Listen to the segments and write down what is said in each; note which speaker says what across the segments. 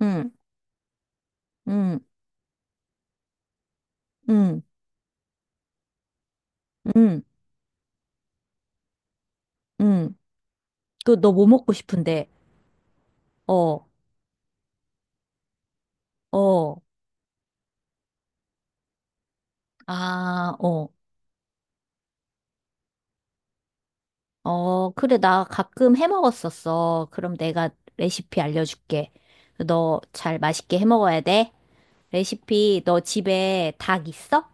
Speaker 1: 응, 응, 응, 응, 응. 그, 너 뭐 먹고 싶은데? 어, 어, 아, 어, 어, 그래, 나 가끔 해 먹었었어. 그럼 내가 레시피 알려줄게. 너 잘 맛있게 해 먹어야 돼. 레시피, 너 집에 닭 있어?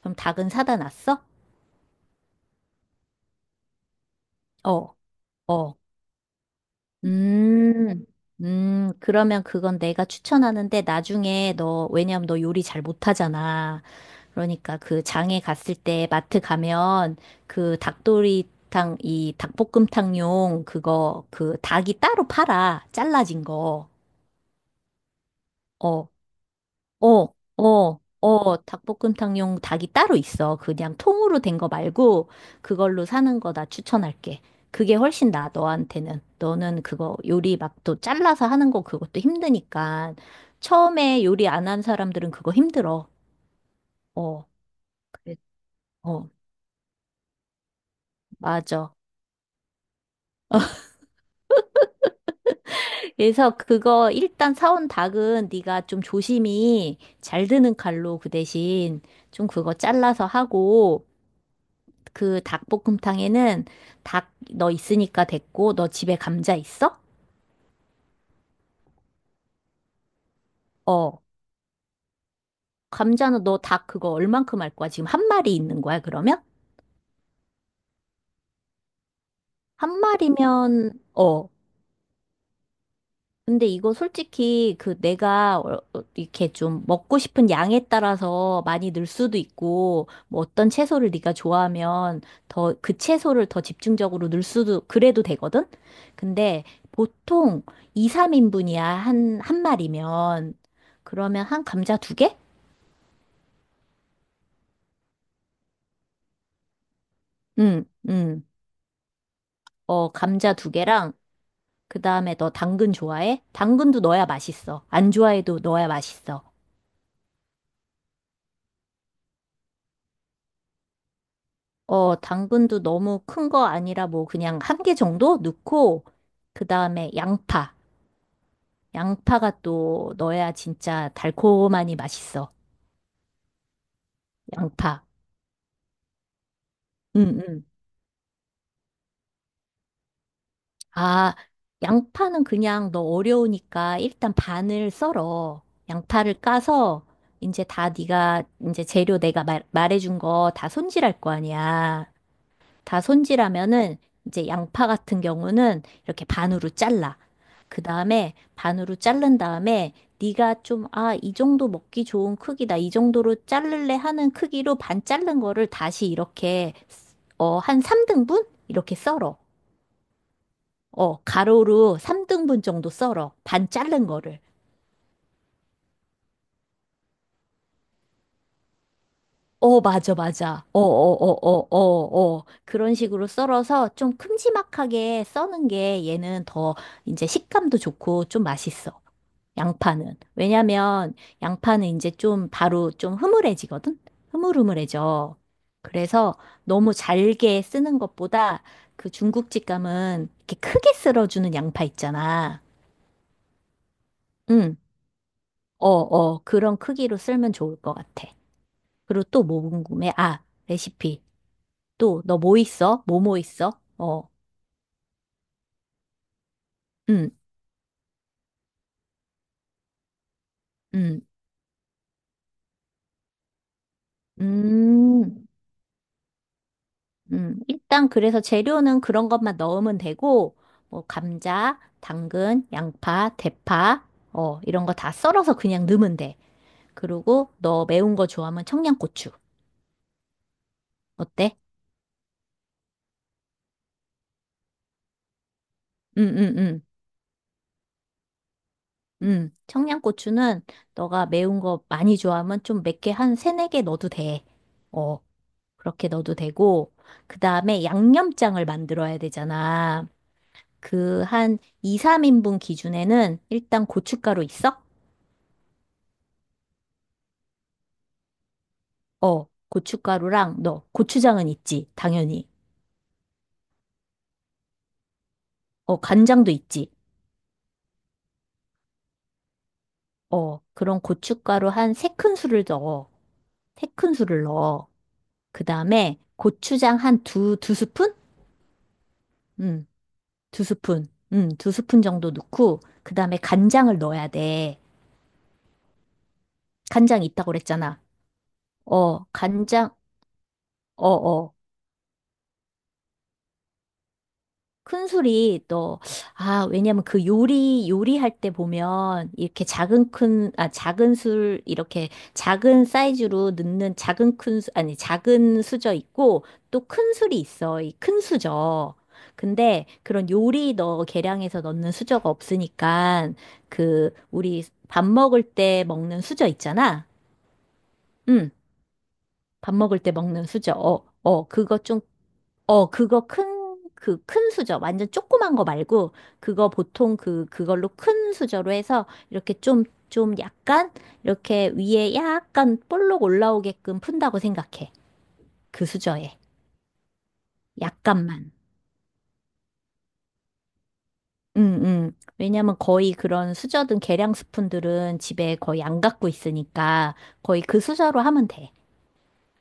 Speaker 1: 그럼 닭은 사다 놨어? 어, 어. 음, 그러면 그건 내가 추천하는데 나중에 너, 왜냐면 너 요리 잘 못하잖아. 그러니까 그 장에 갔을 때 마트 가면 그 닭도리탕, 이 닭볶음탕용 그거, 그 닭이 따로 팔아. 잘라진 거. 어, 어, 어, 어, 닭볶음탕용 닭이 따로 있어. 그냥 통으로 된거 말고 그걸로 사는 거 나 추천할게. 그게 훨씬 나아, 너한테는. 너는 그거 요리 막 또 잘라서 하는 거 그것도 힘드니까. 처음에 요리 안한 사람들은 그거 힘들어. 어, 그래. 어, 맞아. 그래서 그거 일단 사온 닭은 네가 좀 조심히 잘 드는 칼로 그 대신 좀 그거 잘라서 하고 그 닭볶음탕에는 닭 너 있으니까 됐고 너 집에 감자 있어? 어. 감자는 너 닭 그거 얼만큼 할 거야? 지금 한 마리 있는 거야, 그러면? 한 마리면 어. 근데 이거 솔직히 그 내가 이렇게 좀 먹고 싶은 양에 따라서 많이 늘 수도 있고 뭐 어떤 채소를 네가 좋아하면 더 그 채소를 더 집중적으로 넣을 수도 그래도 되거든? 근데 보통 2, 3인분이야 한 마리면. 그러면 한 감자 두 개? 응, 응. 어, 감자 두 개랑 그다음에 너 당근 좋아해? 당근도 넣어야 맛있어. 안 좋아해도 넣어야 맛있어. 어, 당근도 너무 큰 거 아니라 뭐 그냥 한 개 정도 넣고, 그 다음에 양파. 양파가 또 넣어야 진짜 달콤하니 맛있어. 양파. 응, 응. 아, 양파는 그냥 너 어려우니까 일단 반을 썰어. 양파를 까서 이제 다 네가 이제 재료 내가 말해준 거 다 손질할 거 아니야. 다 손질하면은 이제 양파 같은 경우는 이렇게 반으로 잘라. 그 다음에 반으로 자른 다음에 네가 좀, 아, 이 정도 먹기 좋은 크기다. 이 정도로 자를래 하는 크기로 반 자른 거를 다시 이렇게 어, 한 3등분? 이렇게 썰어. 어, 가로로 3등분 정도 썰어. 반 자른 거를. 어, 맞아, 맞아. 어, 어, 어, 어, 어, 어. 어. 그런 식으로 썰어서 좀 큼지막하게 써는 게 얘는 더 이제 식감도 좋고 좀 맛있어. 양파는. 왜냐면 양파는 이제 좀 바로 좀 흐물해지거든? 흐물흐물해져. 그래서 너무 잘게 쓰는 것보다 그 중국집 감은 이렇게 크게 썰어주는 양파 있잖아. 응, 어, 어, 그런 크기로 썰면 좋을 것 같아. 그리고 또 뭐 궁금해? 아, 레시피. 또, 너 뭐 있어? 뭐뭐 있어? 어, 응, 응, 음. 일단 그래서 재료는 그런 것만 넣으면 되고, 뭐, 감자, 당근, 양파, 대파, 어, 이런 거 다 썰어서 그냥 넣으면 돼. 그리고 너 매운 거 좋아하면 청양고추. 어때? 응, 응, 응. 응. 청양고추는 너가 매운 거 많이 좋아하면 좀 몇 개, 한 세네 개 넣어도 돼. 어, 그렇게 넣어도 되고, 그 다음에 양념장을 만들어야 되잖아. 그 한 2, 3인분 기준에는 일단 고춧가루 있어? 어, 고춧가루랑 너 고추장은 있지, 당연히. 어, 간장도 있지. 어, 그런 고춧가루 한 세 큰술을 넣어. 세 큰술을 넣어. 그 다음에 고추장 한 두 스푼? 음, 두 스푼. 두 스푼 정도 넣고, 그 다음에 간장을 넣어야 돼. 간장 있다고 그랬잖아. 어, 간장, 어어. 큰술이 또, 아, 왜냐면 그 요리할 때 보면 이렇게 작은 큰, 아, 작은 술, 이렇게 작은 사이즈로 넣는 작은 큰, 아니, 작은 수저 있고 또 큰 술이 있어. 이 큰 수저. 근데 그런 요리 너 계량해서 넣는 수저가 없으니까 그, 우리 밥 먹을 때 먹는 수저 있잖아. 응, 밥 먹을 때 먹는 수저. 어, 어, 그거 좀 어, 그거 큰, 그 큰 수저, 완전 조그만 거 말고, 그거 보통 그, 그걸로 큰 수저로 해서, 이렇게 좀, 좀 약간, 이렇게 위에 약간 볼록 올라오게끔 푼다고 생각해. 그 수저에. 약간만. 응, 응. 왜냐면 거의 그런 수저든 계량 스푼들은 집에 거의 안 갖고 있으니까, 거의 그 수저로 하면 돼.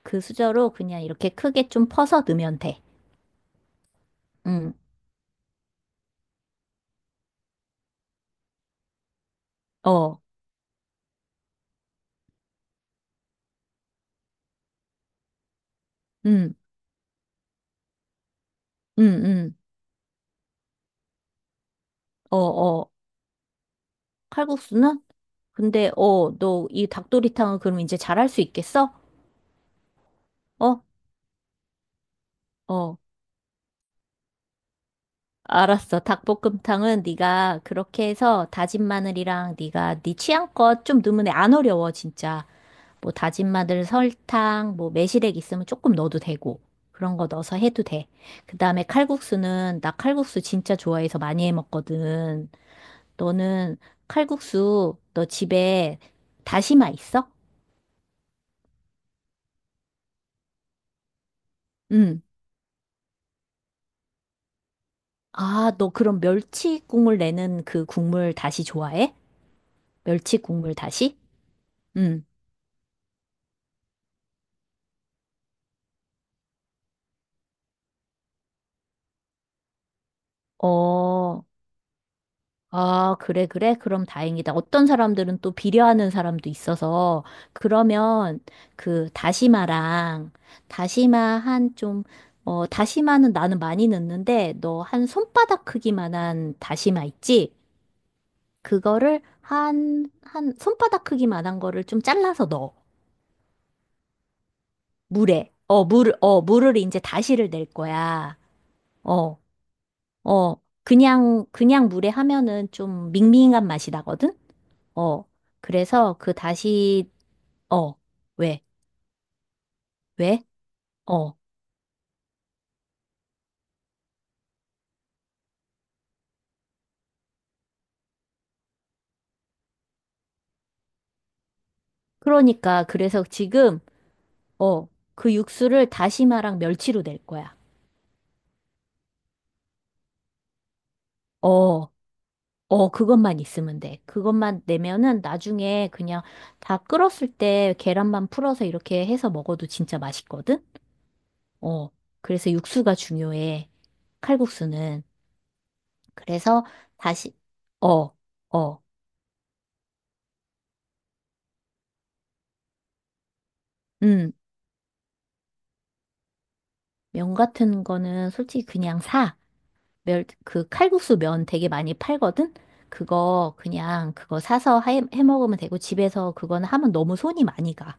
Speaker 1: 그 수저로 그냥 이렇게 크게 좀 퍼서 넣으면 돼. 응, 어, 응, 응, 응, 어, 어. 칼국수는? 근데, 어, 너 이 닭도리탕은 그럼 이제 잘할 수 있겠어? 어? 어. 알았어. 닭볶음탕은 네가 그렇게 해서 다진 마늘이랑 네가 네 취향껏 좀 넣으면 돼. 안 어려워, 진짜. 뭐 다진 마늘, 설탕, 뭐 매실액 있으면 조금 넣어도 되고. 그런 거 넣어서 해도 돼. 그다음에 칼국수는 나 칼국수 진짜 좋아해서 많이 해 먹거든. 너는 칼국수 너 집에 다시마 있어? 응. 아, 너 그럼 멸치 국물 내는 그 국물 다시 좋아해? 멸치 국물 다시? 응. 어, 아, 그래, 그래. 그럼 다행이다. 어떤 사람들은 또 비려하는 사람도 있어서, 그러면 그 다시마랑, 다시마 한 좀, 어, 다시마는 나는 많이 넣는데, 너 한 손바닥 크기만한 다시마 있지? 그거를 한 손바닥 크기만한 거를 좀 잘라서 넣어. 물에. 어, 물을, 어, 물을 이제 다시를 낼 거야. 어, 어, 그냥 물에 하면은 좀 밍밍한 맛이 나거든? 어, 그래서 그 다시, 어, 왜, 왜? 어, 그러니까, 그래서 지금, 어, 그 육수를 다시마랑 멸치로 낼 거야. 어, 어, 그것만 있으면 돼. 그것만 내면은 나중에 그냥 다 끓었을 때 계란만 풀어서 이렇게 해서 먹어도 진짜 맛있거든? 어, 그래서 육수가 중요해. 칼국수는. 그래서 다시, 어, 어, 음, 면 같은 거는 솔직히 그냥 사. 멸, 그 칼국수 면 되게 많이 팔거든? 그거 그냥 그거 사서 해 먹으면 되고 집에서 그거는 하면 너무 손이 많이 가.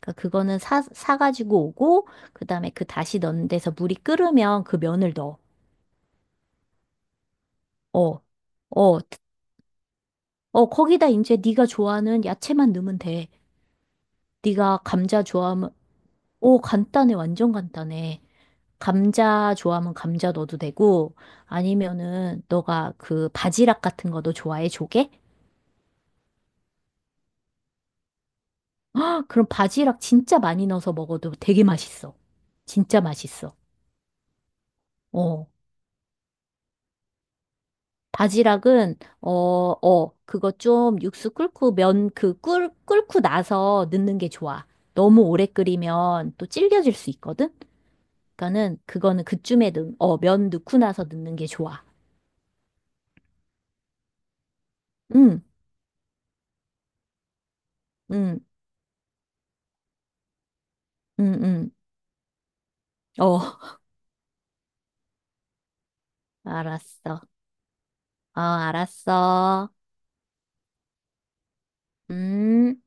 Speaker 1: 그러니까 그거는 사가지고 오고 그다음에 그 다시 넣는 데서 물이 끓으면 그 면을 넣어. 어, 어, 어, 거기다 이제 네가 좋아하는 야채만 넣으면 돼. 네가 감자 좋아하면, 오, 간단해, 완전 간단해. 감자 좋아하면 감자 넣어도 되고, 아니면은 너가 그 바지락 같은 거도 좋아해, 조개? 아, 그럼 바지락 진짜 많이 넣어서 먹어도 되게 맛있어. 진짜 맛있어. 어. 바지락은, 어, 어, 그거 좀 육수 끓고 면 그 끓고 나서 넣는 게 좋아. 너무 오래 끓이면 또 질겨질 수 있거든? 그러니까는 그거는 그쯤에 어, 면 넣고 나서 넣는 게 좋아. 응, 응, 응, 응. 어, 알았어. 어, 알았어. 음.